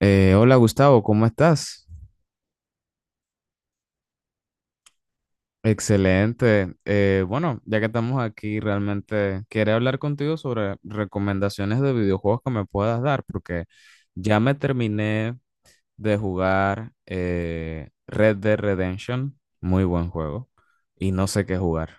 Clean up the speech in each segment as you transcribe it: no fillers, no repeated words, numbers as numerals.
Hola Gustavo, ¿cómo estás? Excelente. Bueno, ya que estamos aquí, realmente quería hablar contigo sobre recomendaciones de videojuegos que me puedas dar, porque ya me terminé de jugar Red Dead Redemption, muy buen juego, y no sé qué jugar.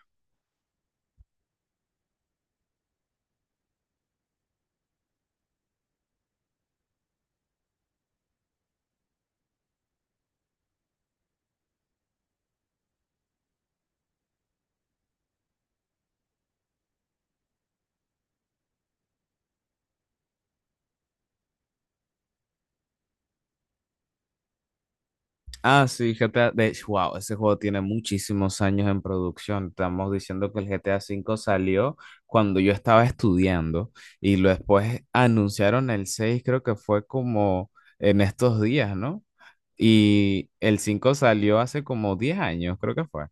Ah, sí, GTA. De hecho, wow, ese juego tiene muchísimos años en producción. Estamos diciendo que el GTA V salió cuando yo estaba estudiando y lo después anunciaron el 6, creo que fue como en estos días, ¿no? Y el 5 salió hace como 10 años, creo que fue.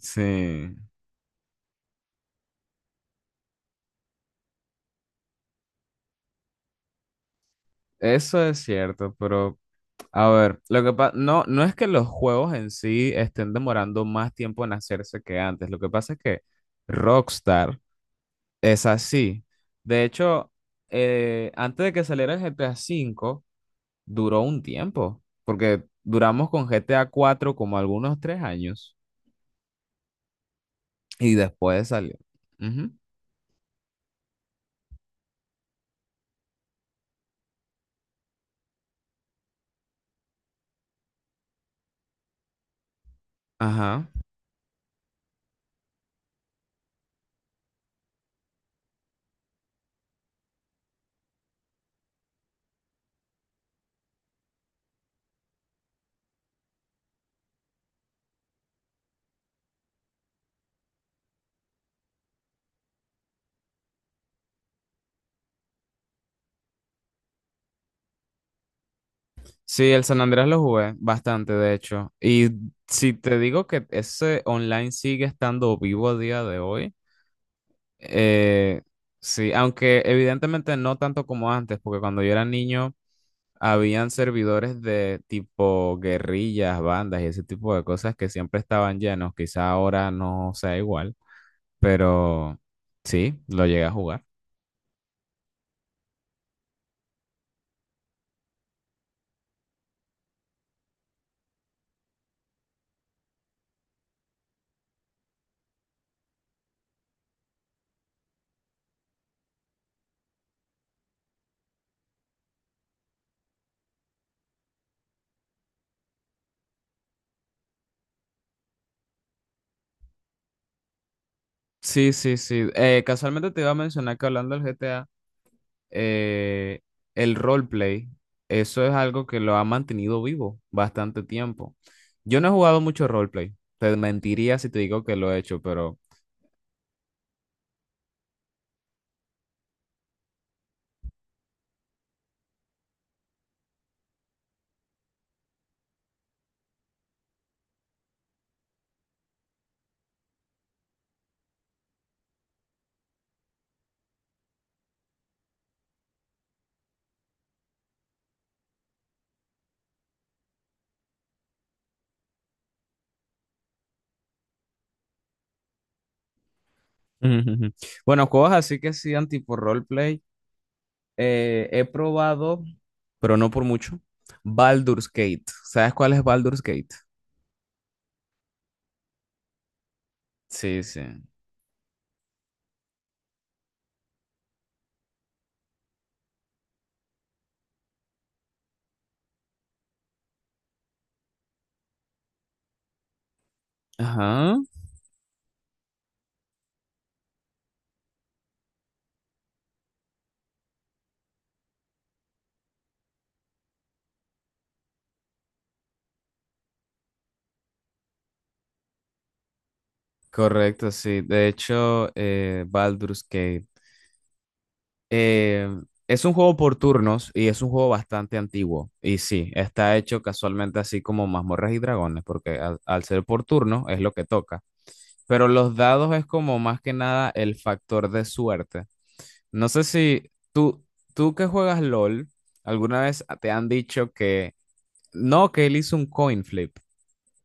Sí, eso es cierto, pero a ver, lo que pasa, no, no es que los juegos en sí estén demorando más tiempo en hacerse que antes, lo que pasa es que Rockstar. Es así. De hecho, antes de que saliera el GTA V, duró un tiempo, porque duramos con GTA 4 como algunos 3 años y después salió. Ujú. Ajá. Sí, el San Andrés lo jugué bastante, de hecho. Y si te digo que ese online sigue estando vivo a día de hoy, Eh, sí, aunque evidentemente no tanto como antes, porque cuando yo era niño habían servidores de tipo guerrillas, bandas y ese tipo de cosas que siempre estaban llenos. Quizá ahora no sea igual, pero sí, lo llegué a jugar. Sí, sí, sí. Casualmente te iba a mencionar que hablando del GTA, eh, el roleplay, eso es algo que lo ha mantenido vivo bastante tiempo. Yo no he jugado mucho roleplay, te mentiría si te digo que lo he hecho, pero ujú, ujú. Bueno, cosas así que sean tipo roleplay. He probado, pero no por mucho, Baldur's Gate. ¿Sabes cuál es Baldur's Gate? Sí, sí. Ajá. Correcto, sí. De hecho, Baldur's Gate, eh, es un juego por turnos y es un juego bastante antiguo. Y sí, está hecho casualmente así como mazmorras y dragones, porque al ser por turno es lo que toca. Pero los dados es como más que nada el factor de suerte. No sé si tú que juegas LOL, alguna vez te han dicho que no, que él hizo un coin flip,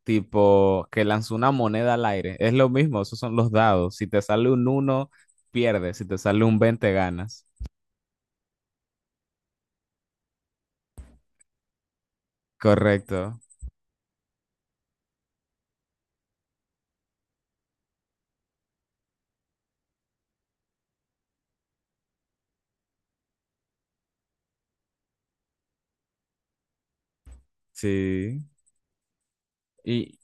tipo que lanzó una moneda al aire. Es lo mismo, esos son los dados. Si te sale un uno pierdes. Si te sale un 20 ganas. Correcto. Sí. Y,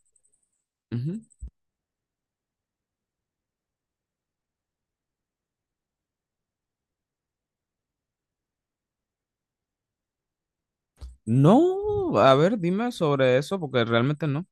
ujú. No, a ver, dime sobre eso, porque realmente no.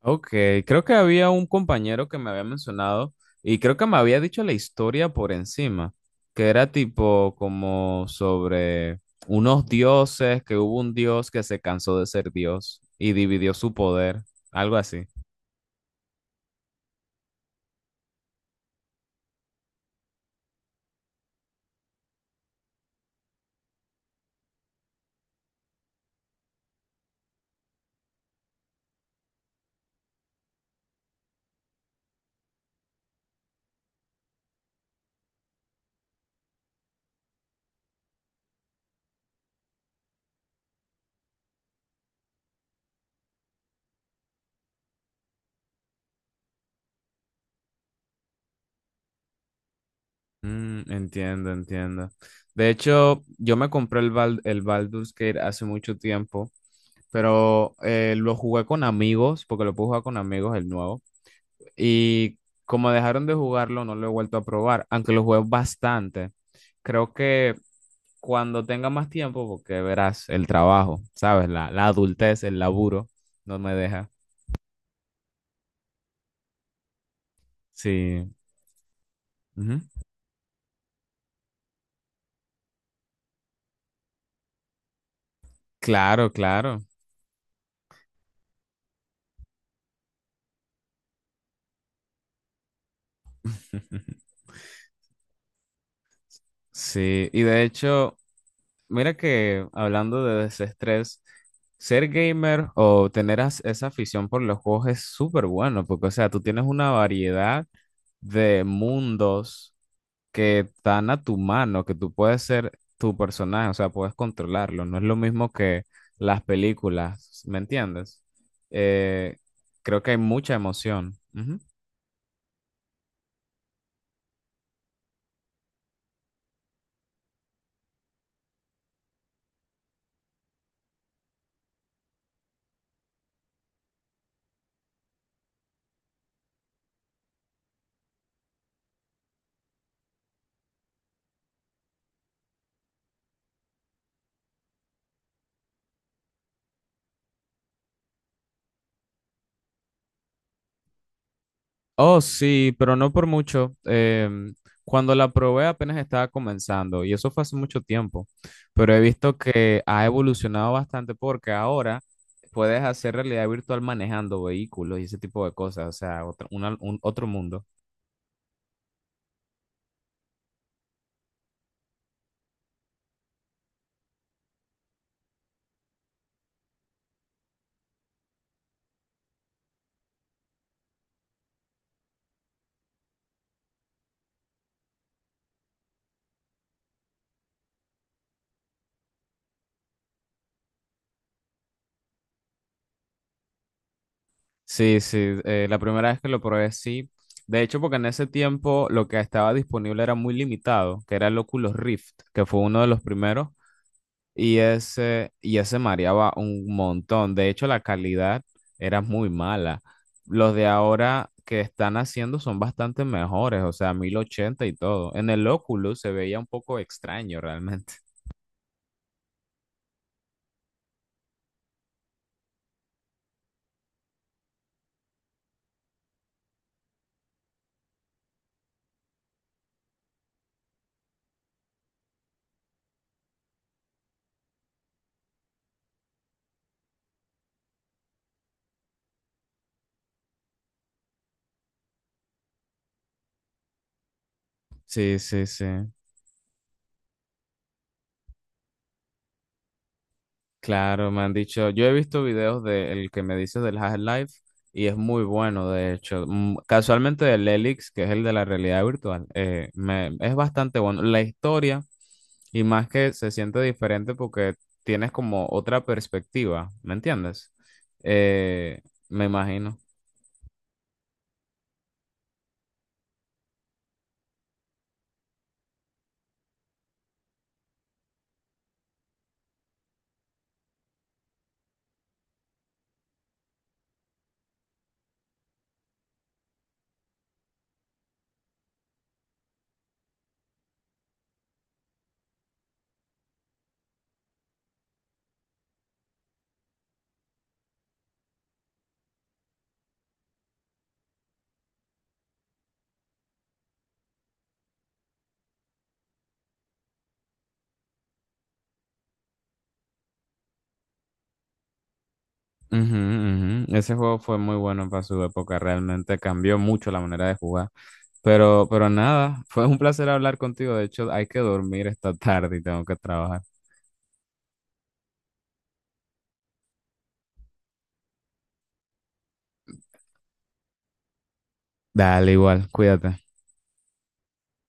Ok, creo que había un compañero que me había mencionado y creo que me había dicho la historia por encima, que era tipo como sobre unos dioses, que hubo un dios que se cansó de ser dios y dividió su poder, algo así. Mm, entiendo, entiendo. De hecho, yo me compré el Baldur's Gate hace mucho tiempo, pero lo jugué con amigos, porque lo puedo jugar con amigos, el nuevo. Y como dejaron de jugarlo, no lo he vuelto a probar, aunque lo jugué bastante. Creo que cuando tenga más tiempo, porque verás el trabajo, ¿sabes? La adultez, el laburo, no me deja. Sí. Ujú. Claro, claro. Sí. Y de hecho, mira que hablando de desestrés, ser gamer o tener esa afición por los juegos es súper bueno, porque, o sea, tú tienes una variedad de mundos que están a tu mano, que tú puedes ser tu personaje, o sea, puedes controlarlo. No es lo mismo que las películas, ¿me entiendes? Eh, Creo que hay mucha emoción. Ujú. Oh, sí, pero no por mucho. Cuando la probé apenas estaba comenzando y eso fue hace mucho tiempo, pero he visto que ha evolucionado bastante porque ahora puedes hacer realidad virtual manejando vehículos y ese tipo de cosas, o sea, otro, otro mundo. Sí, sí, la primera vez que lo probé, sí. De hecho, porque en ese tiempo lo que estaba disponible era muy limitado, que era el Oculus Rift, que fue uno de los primeros, y ese mareaba un montón. De hecho, la calidad era muy mala. Los de ahora que están haciendo son bastante mejores, o sea, 1080 y todo. En el Oculus se veía un poco extraño realmente. Sí, sí, sí. Claro, me han dicho, yo he visto videos del que me dices del Half-Life y es muy bueno, de hecho. Mm, casualmente del Helix, que es el de la realidad virtual, es bastante bueno. La historia, y más que se siente diferente porque tienes como otra perspectiva, ¿me entiendes? Eh, Me imagino. Ujú, ujú. Ese juego fue muy bueno para su época, realmente cambió mucho la manera de jugar. Pero nada, fue un placer hablar contigo. De hecho, hay que dormir esta tarde y tengo que trabajar. Dale, igual, cuídate.